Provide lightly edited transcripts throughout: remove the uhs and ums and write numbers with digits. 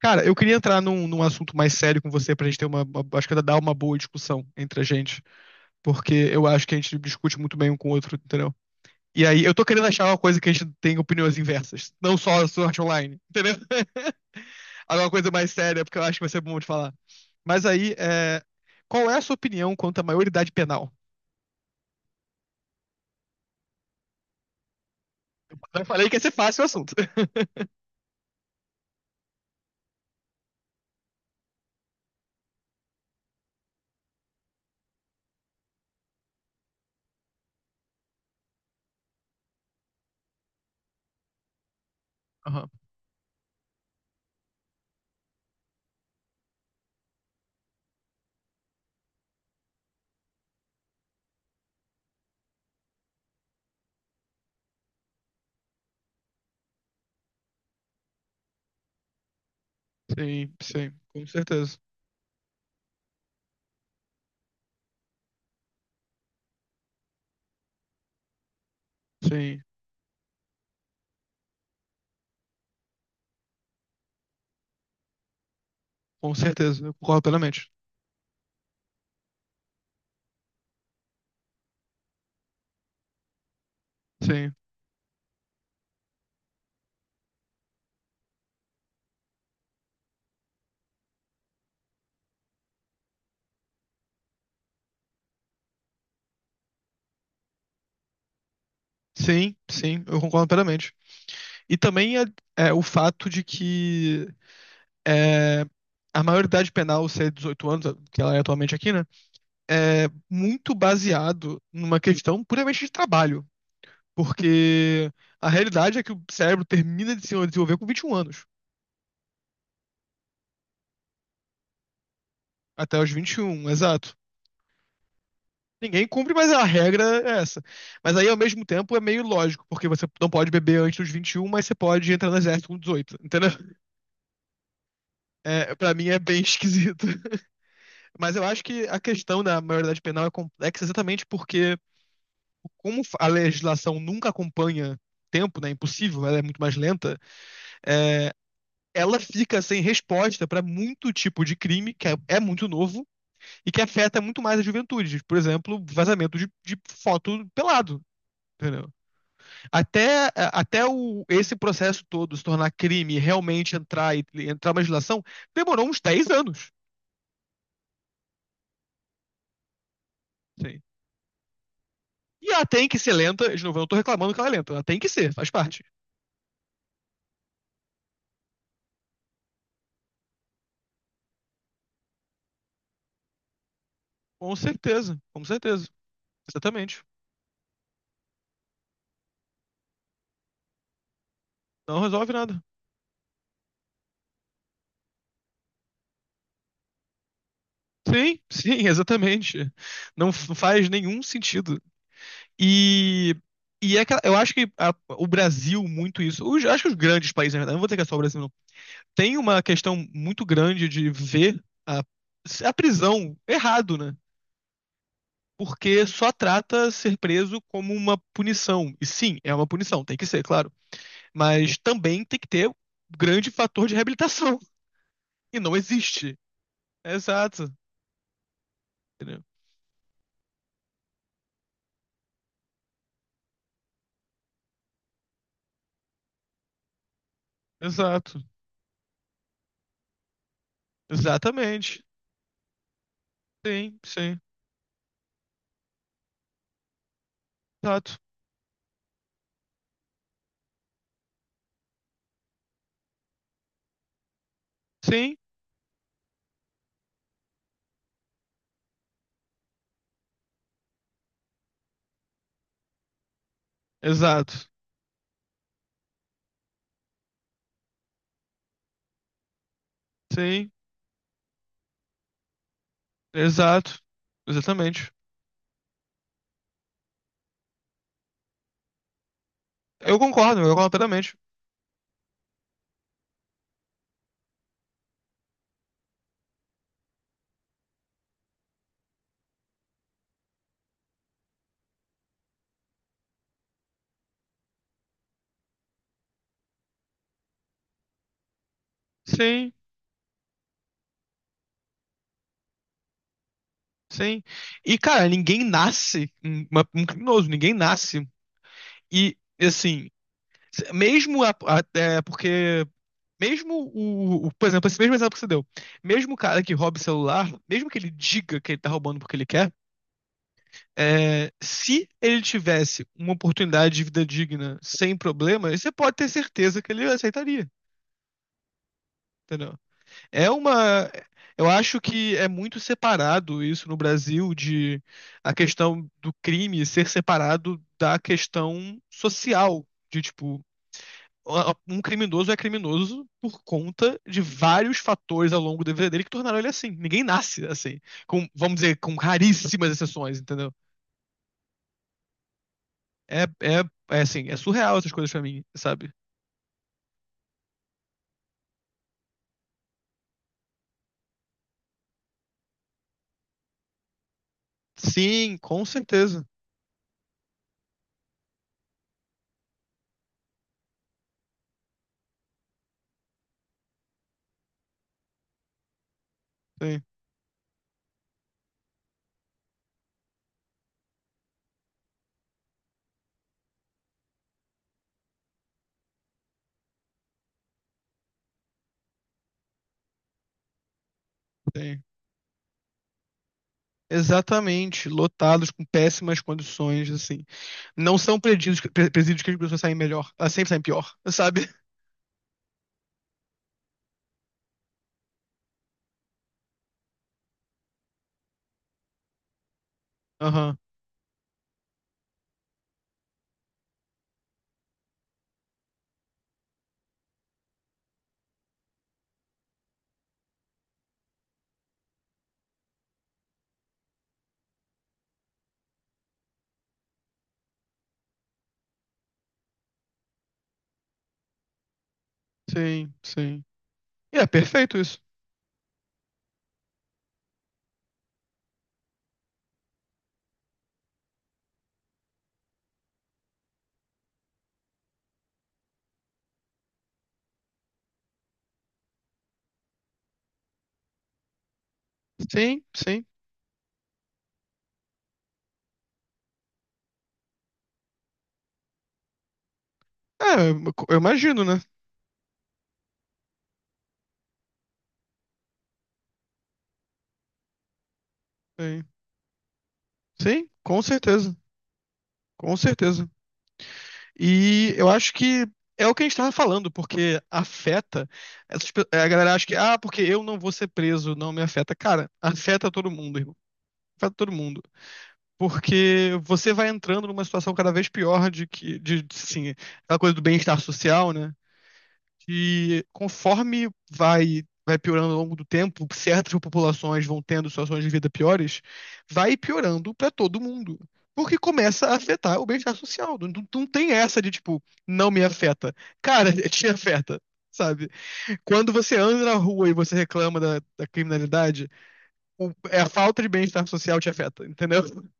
Cara, eu queria entrar num assunto mais sério com você pra gente ter Acho que dá uma boa discussão entre a gente. Porque eu acho que a gente discute muito bem um com o outro, entendeu? E aí, eu tô querendo achar uma coisa que a gente tem opiniões inversas. Não só a sorte online, entendeu? Alguma coisa mais séria, porque eu acho que vai ser bom de falar. Mas aí, qual é a sua opinião quanto à maioridade penal? Eu falei que ia ser fácil o assunto. Aham. Sim, sim, com certeza. Sim, com certeza. Eu concordo plenamente. Sim, sim, sim, eu concordo plenamente. E também é, é o fato de que é, a maioridade penal ser 18 anos, que ela é atualmente aqui, né? É muito baseado numa questão puramente de trabalho. Porque a realidade é que o cérebro termina de se desenvolver com 21 anos. Até os 21, exato. Ninguém cumpre, mas a regra é essa. Mas aí, ao mesmo tempo, é meio lógico, porque você não pode beber antes dos 21, mas você pode entrar no exército com 18. Entendeu? É, pra mim é bem esquisito. Mas eu acho que a questão da maioridade penal é complexa exatamente porque, como a legislação nunca acompanha tempo, né? É impossível, ela é muito mais lenta, é, ela fica sem resposta para muito tipo de crime que é, é muito novo e que afeta muito mais a juventude. Por exemplo, vazamento de foto pelado. Entendeu? Até esse processo todo se tornar crime e realmente entrar e entrar uma legislação, demorou uns 10 anos. Sim. E ela tem que ser lenta. De novo, eu não tô reclamando que ela é lenta. Ela tem que ser, faz parte. Com certeza, com certeza. Exatamente. Não resolve nada. Sim, sim, exatamente. Não faz nenhum sentido. E, e, é que eu acho que o Brasil, muito isso. Acho que os grandes países, na verdade, não vou dizer que é só o Brasil, não. Tem uma questão muito grande de ver a prisão errado, né? Porque só trata ser preso como uma punição. E sim, é uma punição, tem que ser, claro. Mas também tem que ter um grande fator de reabilitação. E não existe. Exato. Entendeu? Exato. Exatamente. Sim, sim. Exato. Sim. Exato. Sim. Exato. Exatamente. Eu concordo plenamente. Sim, sim. E, cara, ninguém nasce um criminoso, ninguém nasce. E, assim, se- mesmo a- até porque Mesmo o- Por exemplo, esse mesmo exemplo que você deu. Mesmo o cara que rouba o celular, mesmo que ele diga que ele tá roubando porque ele quer, se ele tivesse uma oportunidade de vida digna sem problemas, você pode ter certeza que ele aceitaria. Entendeu? É uma. Eu acho que é muito separado isso no Brasil de a questão do crime ser separado da questão social. De tipo, um criminoso é criminoso por conta de vários fatores ao longo da vida dele que tornaram ele assim. Ninguém nasce assim, com, vamos dizer, com raríssimas exceções, entendeu? É, é, é assim, é surreal essas coisas pra mim, sabe? Sim, com certeza. Sim, sim. Exatamente, lotados com péssimas condições, assim. Não são presídios, presídios que as pessoas saem melhor, elas sempre saem pior, sabe? Aham, sim, sim. E é perfeito isso. Sim, sim. Eu imagino, né? Sim. Sim, com certeza, com certeza. E eu acho que é o que a gente estava falando, porque afeta. A galera acha que, ah, porque eu não vou ser preso, não me afeta. Cara, afeta todo mundo, irmão. Afeta todo mundo. Porque você vai entrando numa situação cada vez pior de que, de, assim, aquela coisa do bem-estar social, né? Que conforme vai piorando ao longo do tempo, certas populações vão tendo situações de vida piores, vai piorando pra todo mundo. Porque começa a afetar o bem-estar social. Não, não tem essa de, tipo, não me afeta. Cara, te afeta, sabe? Quando você anda na rua e você reclama da criminalidade, é a falta de bem-estar social te afeta, entendeu?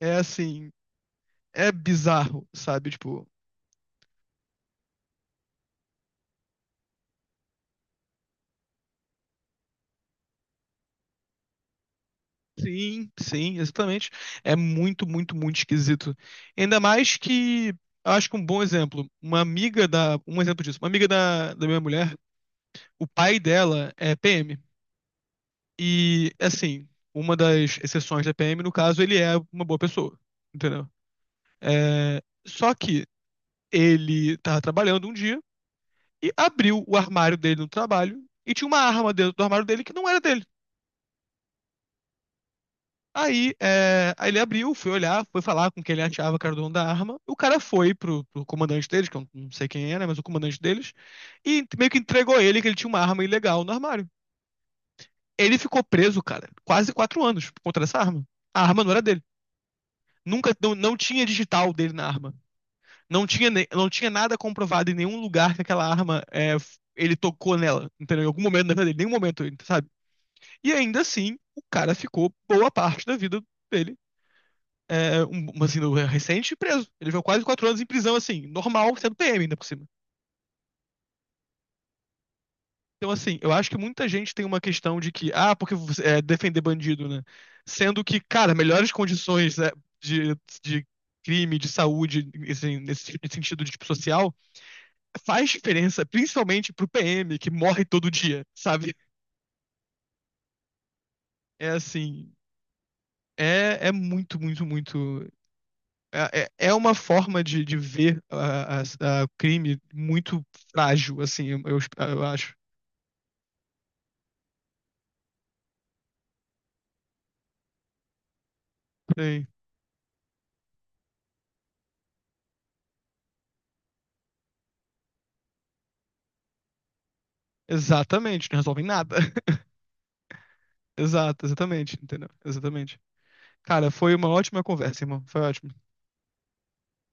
É assim, é bizarro, sabe? Tipo, sim, sim, exatamente. É muito, muito, muito esquisito. Ainda mais que, eu acho que um bom exemplo, um exemplo disso, uma amiga da minha mulher, o pai dela é PM. E, assim, uma das exceções da PM, no caso, ele é uma boa pessoa, entendeu? Só que ele tava trabalhando um dia e abriu o armário dele no trabalho e tinha uma arma dentro do armário dele que não era dele. Aí, ele abriu, foi olhar, foi falar com quem ele achava que era o dono da arma. O cara foi pro comandante deles, que eu não sei quem era, mas o comandante deles, e meio que entregou ele que ele tinha uma arma ilegal no armário. Ele ficou preso, cara, quase 4 anos por conta dessa arma. A arma não era dele. Nunca, não, não tinha digital dele na arma. Não tinha, não tinha nada comprovado em nenhum lugar que aquela arma ele tocou nela, entendeu? Em algum momento da vida dele, em nenhum momento, sabe? E ainda assim, o cara ficou boa parte da vida dele uma sina recente e preso. Ele viveu quase 4 anos em prisão, assim, normal, sendo PM ainda por cima. Então, assim, eu acho que muita gente tem uma questão de que, ah, porque defender bandido, né? Sendo que, cara, melhores condições né, de, de crime, de saúde, assim, nesse sentido de tipo social, faz diferença, principalmente pro PM, que morre todo dia, sabe? É assim, é muito, muito, muito. É uma forma de ver o crime muito frágil, assim, eu acho. Sim. Exatamente, não resolvem nada. Exato, exatamente, entendeu? Exatamente. Cara, foi uma ótima conversa, irmão. Foi ótimo.